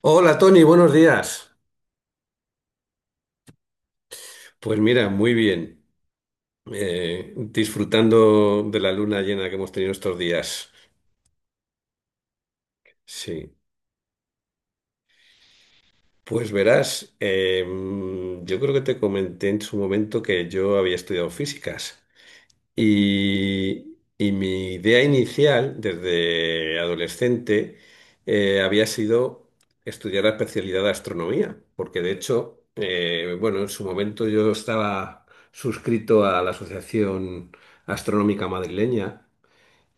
Hola Tony, buenos días. Pues mira, muy bien. Disfrutando de la luna llena que hemos tenido estos días. Sí. Pues verás, yo creo que te comenté en su momento que yo había estudiado físicas. Y mi idea inicial, desde adolescente, había sido estudiar la especialidad de astronomía, porque de hecho, bueno, en su momento yo estaba suscrito a la Asociación Astronómica Madrileña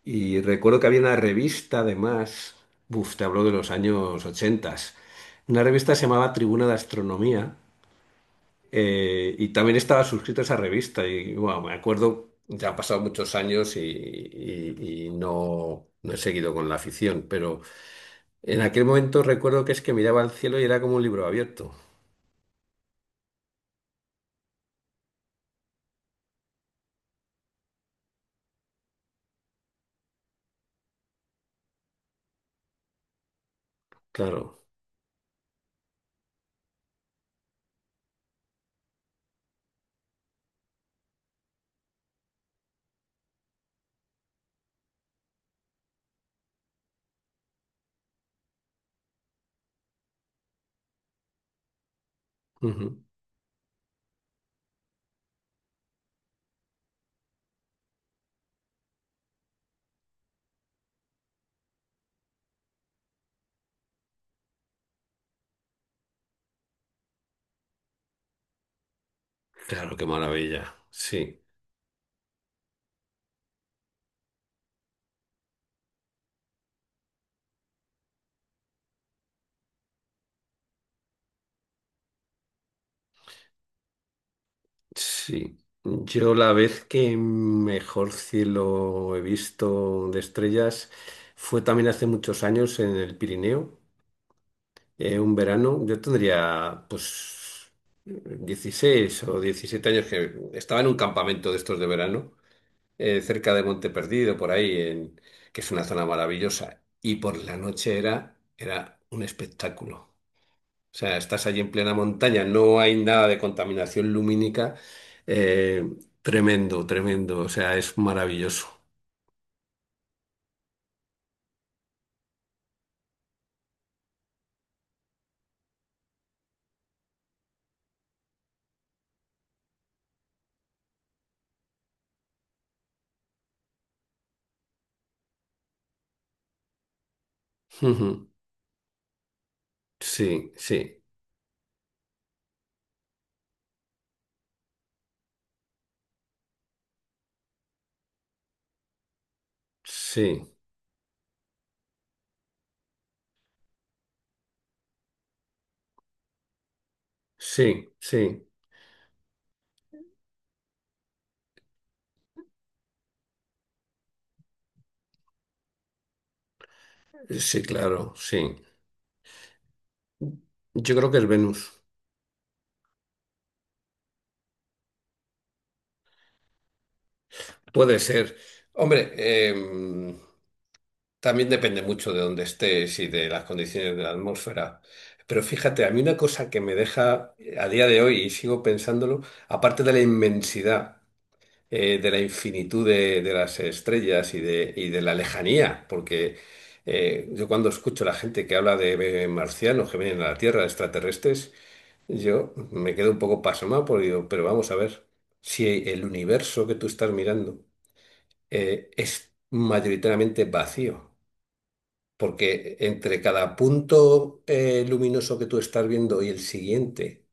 y recuerdo que había una revista, además, buf, te hablo de los años 80, una revista que se llamaba Tribuna de Astronomía y también estaba suscrito a esa revista y bueno, me acuerdo, ya han pasado muchos años y, y no, no he seguido con la afición, pero en aquel momento recuerdo que es que miraba al cielo y era como un libro abierto. Claro, ujú, claro, qué maravilla. Sí, sí. Yo la vez que mejor cielo he visto de estrellas fue también hace muchos años en el Pirineo. Un verano, yo tendría pues 16 o 17 años que estaba en un campamento de estos de verano, cerca de Monte Perdido, por ahí, en, que es una zona maravillosa. Y por la noche era, era un espectáculo. O sea, estás allí en plena montaña, no hay nada de contaminación lumínica. eh, Tremendo, tremendo. O sea, es maravilloso. Ujú. Sí, sí, sí, sí, sí. Sí, claro, sí. Yo creo que es Venus. Puede ser. Hombre, em, también depende mucho de dónde estés y de las condiciones de la atmósfera. Pero fíjate, a mí una cosa que me deja a día de hoy y sigo pensándolo, aparte de la inmensidad, de la infinitud de las estrellas y de la lejanía, porque yo cuando escucho a la gente que habla de marcianos que vienen a la Tierra, extraterrestres, yo me quedo un poco pasmado porque digo, pero vamos a ver, si el universo que tú estás mirando es mayoritariamente vacío, porque entre cada punto luminoso que tú estás viendo y el siguiente,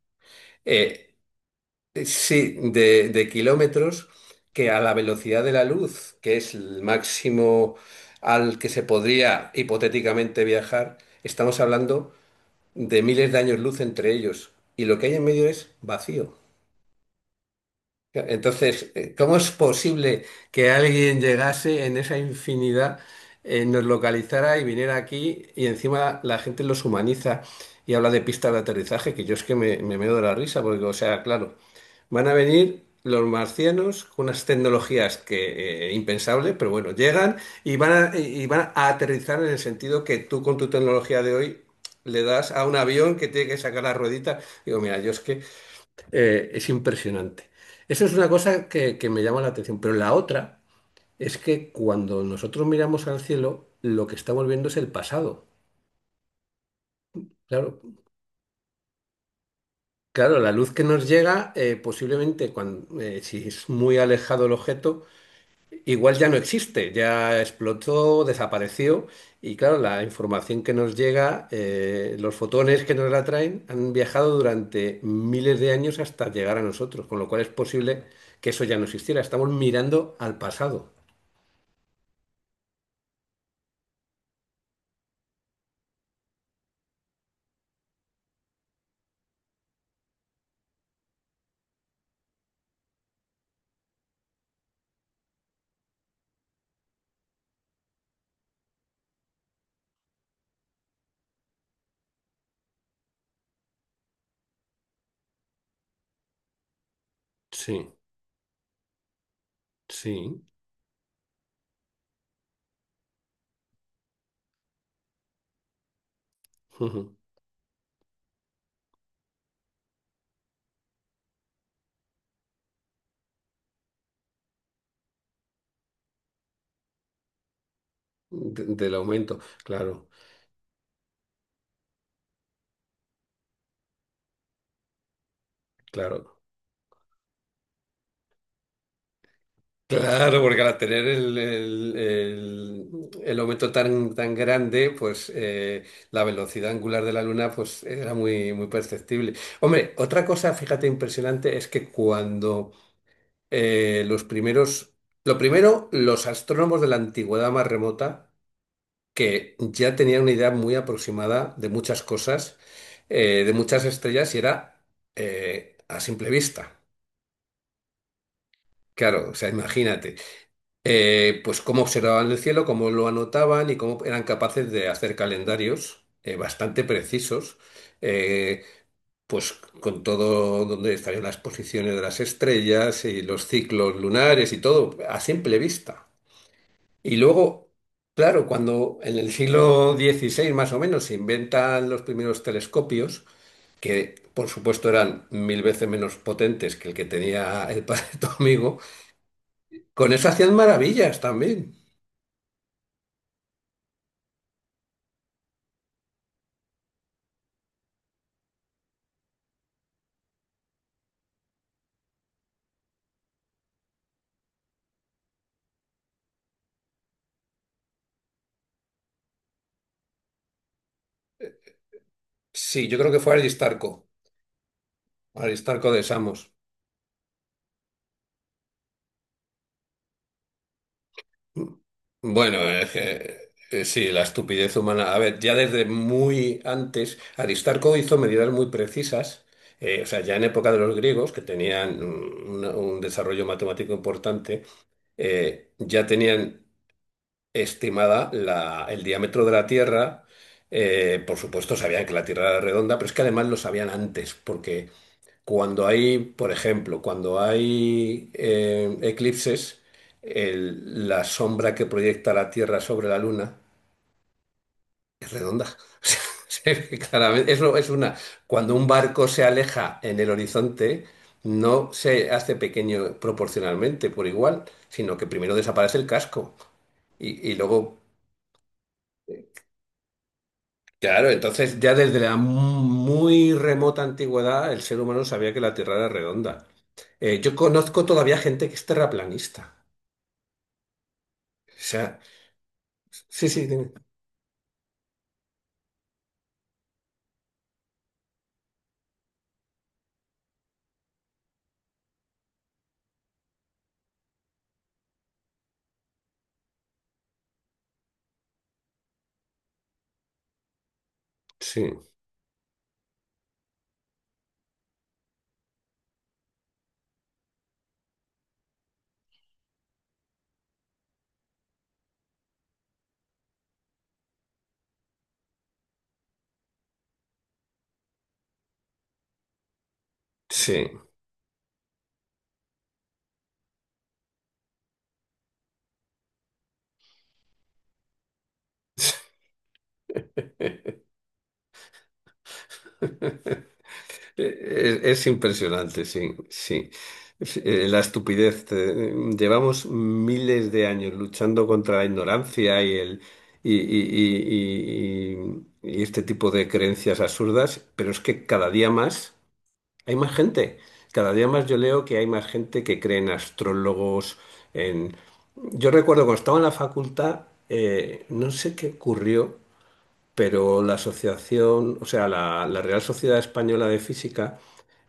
eh, sí, de kilómetros, que a la velocidad de la luz, que es el máximo al que se podría hipotéticamente viajar, estamos hablando de miles de años luz entre ellos, y lo que hay en medio es vacío. Entonces, ¿cómo es posible que alguien llegase en esa infinidad, nos localizara y viniera aquí y encima la gente los humaniza y habla de pistas de aterrizaje? Que yo es que me meo de la risa porque, o sea, claro, van a venir los marcianos con unas tecnologías que impensables, pero bueno, llegan y y van a aterrizar en el sentido que tú con tu tecnología de hoy le das a un avión que tiene que sacar la ruedita. Digo, mira, yo es que es impresionante. Eso es una cosa que me llama la atención, pero la otra es que cuando nosotros miramos al cielo, lo que estamos viendo es el pasado. Claro, claro, la luz que nos llega, posiblemente cuando, si es muy alejado el objeto, igual ya no existe, ya explotó, desapareció y claro, la información que nos llega, los fotones que nos la traen han viajado durante miles de años hasta llegar a nosotros, con lo cual es posible que eso ya no existiera. Estamos mirando al pasado. Sí, sí. Del aumento, claro, claro. Claro, porque al tener el aumento tan, tan grande, pues la velocidad angular de la Luna pues era muy, muy perceptible. Hombre, otra cosa, fíjate, impresionante es que cuando eh, los primeros, lo primero, los astrónomos de la antigüedad más remota, que ya tenían una idea muy aproximada de muchas cosas, de muchas estrellas, y era a simple vista. Claro, o sea, imagínate. Pues cómo observaban el cielo, cómo lo anotaban y cómo eran capaces de hacer calendarios bastante precisos, eh, pues con todo donde estarían las posiciones de las estrellas y los ciclos lunares y todo, a simple vista. Y luego, claro, cuando en el siglo XVI más o menos se inventan los primeros telescopios, que por supuesto eran mil veces menos potentes que el que tenía el padre de tu amigo, con eso hacían maravillas también. Sí, yo creo que fue Aristarco, Aristarco de Samos. Bueno, es que, sí, la estupidez humana. A ver, ya desde muy antes, Aristarco hizo medidas muy precisas, o sea, ya en época de los griegos, que tenían un desarrollo matemático importante, ya tenían estimada el diámetro de la Tierra. Por supuesto, sabían que la Tierra era redonda, pero es que además lo sabían antes, porque cuando hay, por ejemplo, cuando hay eclipses, la sombra que proyecta la Tierra sobre la Luna es redonda. O sea, se ve claramente. Eso es una. Cuando un barco se aleja en el horizonte, no se hace pequeño proporcionalmente por igual, sino que primero desaparece el casco y luego. Claro, entonces ya desde la muy remota antigüedad el ser humano sabía que la Tierra era redonda. Yo conozco todavía gente que es terraplanista. Sea, sí, sí, dime. Sí, sí. Es impresionante, sí, sí. Sí, la estupidez. Llevamos miles de años luchando contra la ignorancia y el y, y- y- y este tipo de creencias absurdas, pero es que cada día más hay más gente. Cada día más yo leo que hay más gente que cree en astrólogos, en... Yo recuerdo cuando estaba en la facultad, no sé qué ocurrió. Pero la asociación, o sea, la Real Sociedad Española de Física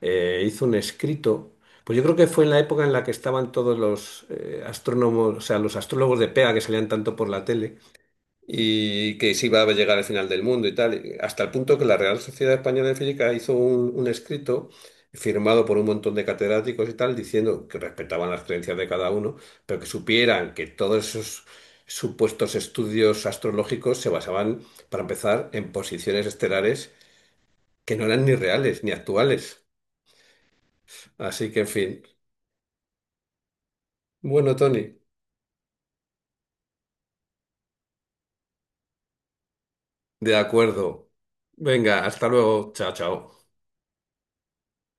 hizo un escrito, pues yo creo que fue en la época en la que estaban todos los o sea, los astrólogos de pega que salían tanto por la tele, y que se iba a llegar al final del mundo y tal, hasta el punto que la Real Sociedad Española de Física hizo un escrito firmado por un montón de catedráticos y tal, diciendo que respetaban las creencias de cada uno, pero que supieran que todos esos supuestos estudios astrológicos se basaban, para empezar, en posiciones estelares que no eran ni reales ni actuales. Así que, en fin. Bueno, Tony, de acuerdo. Venga, hasta luego. Chao, chao.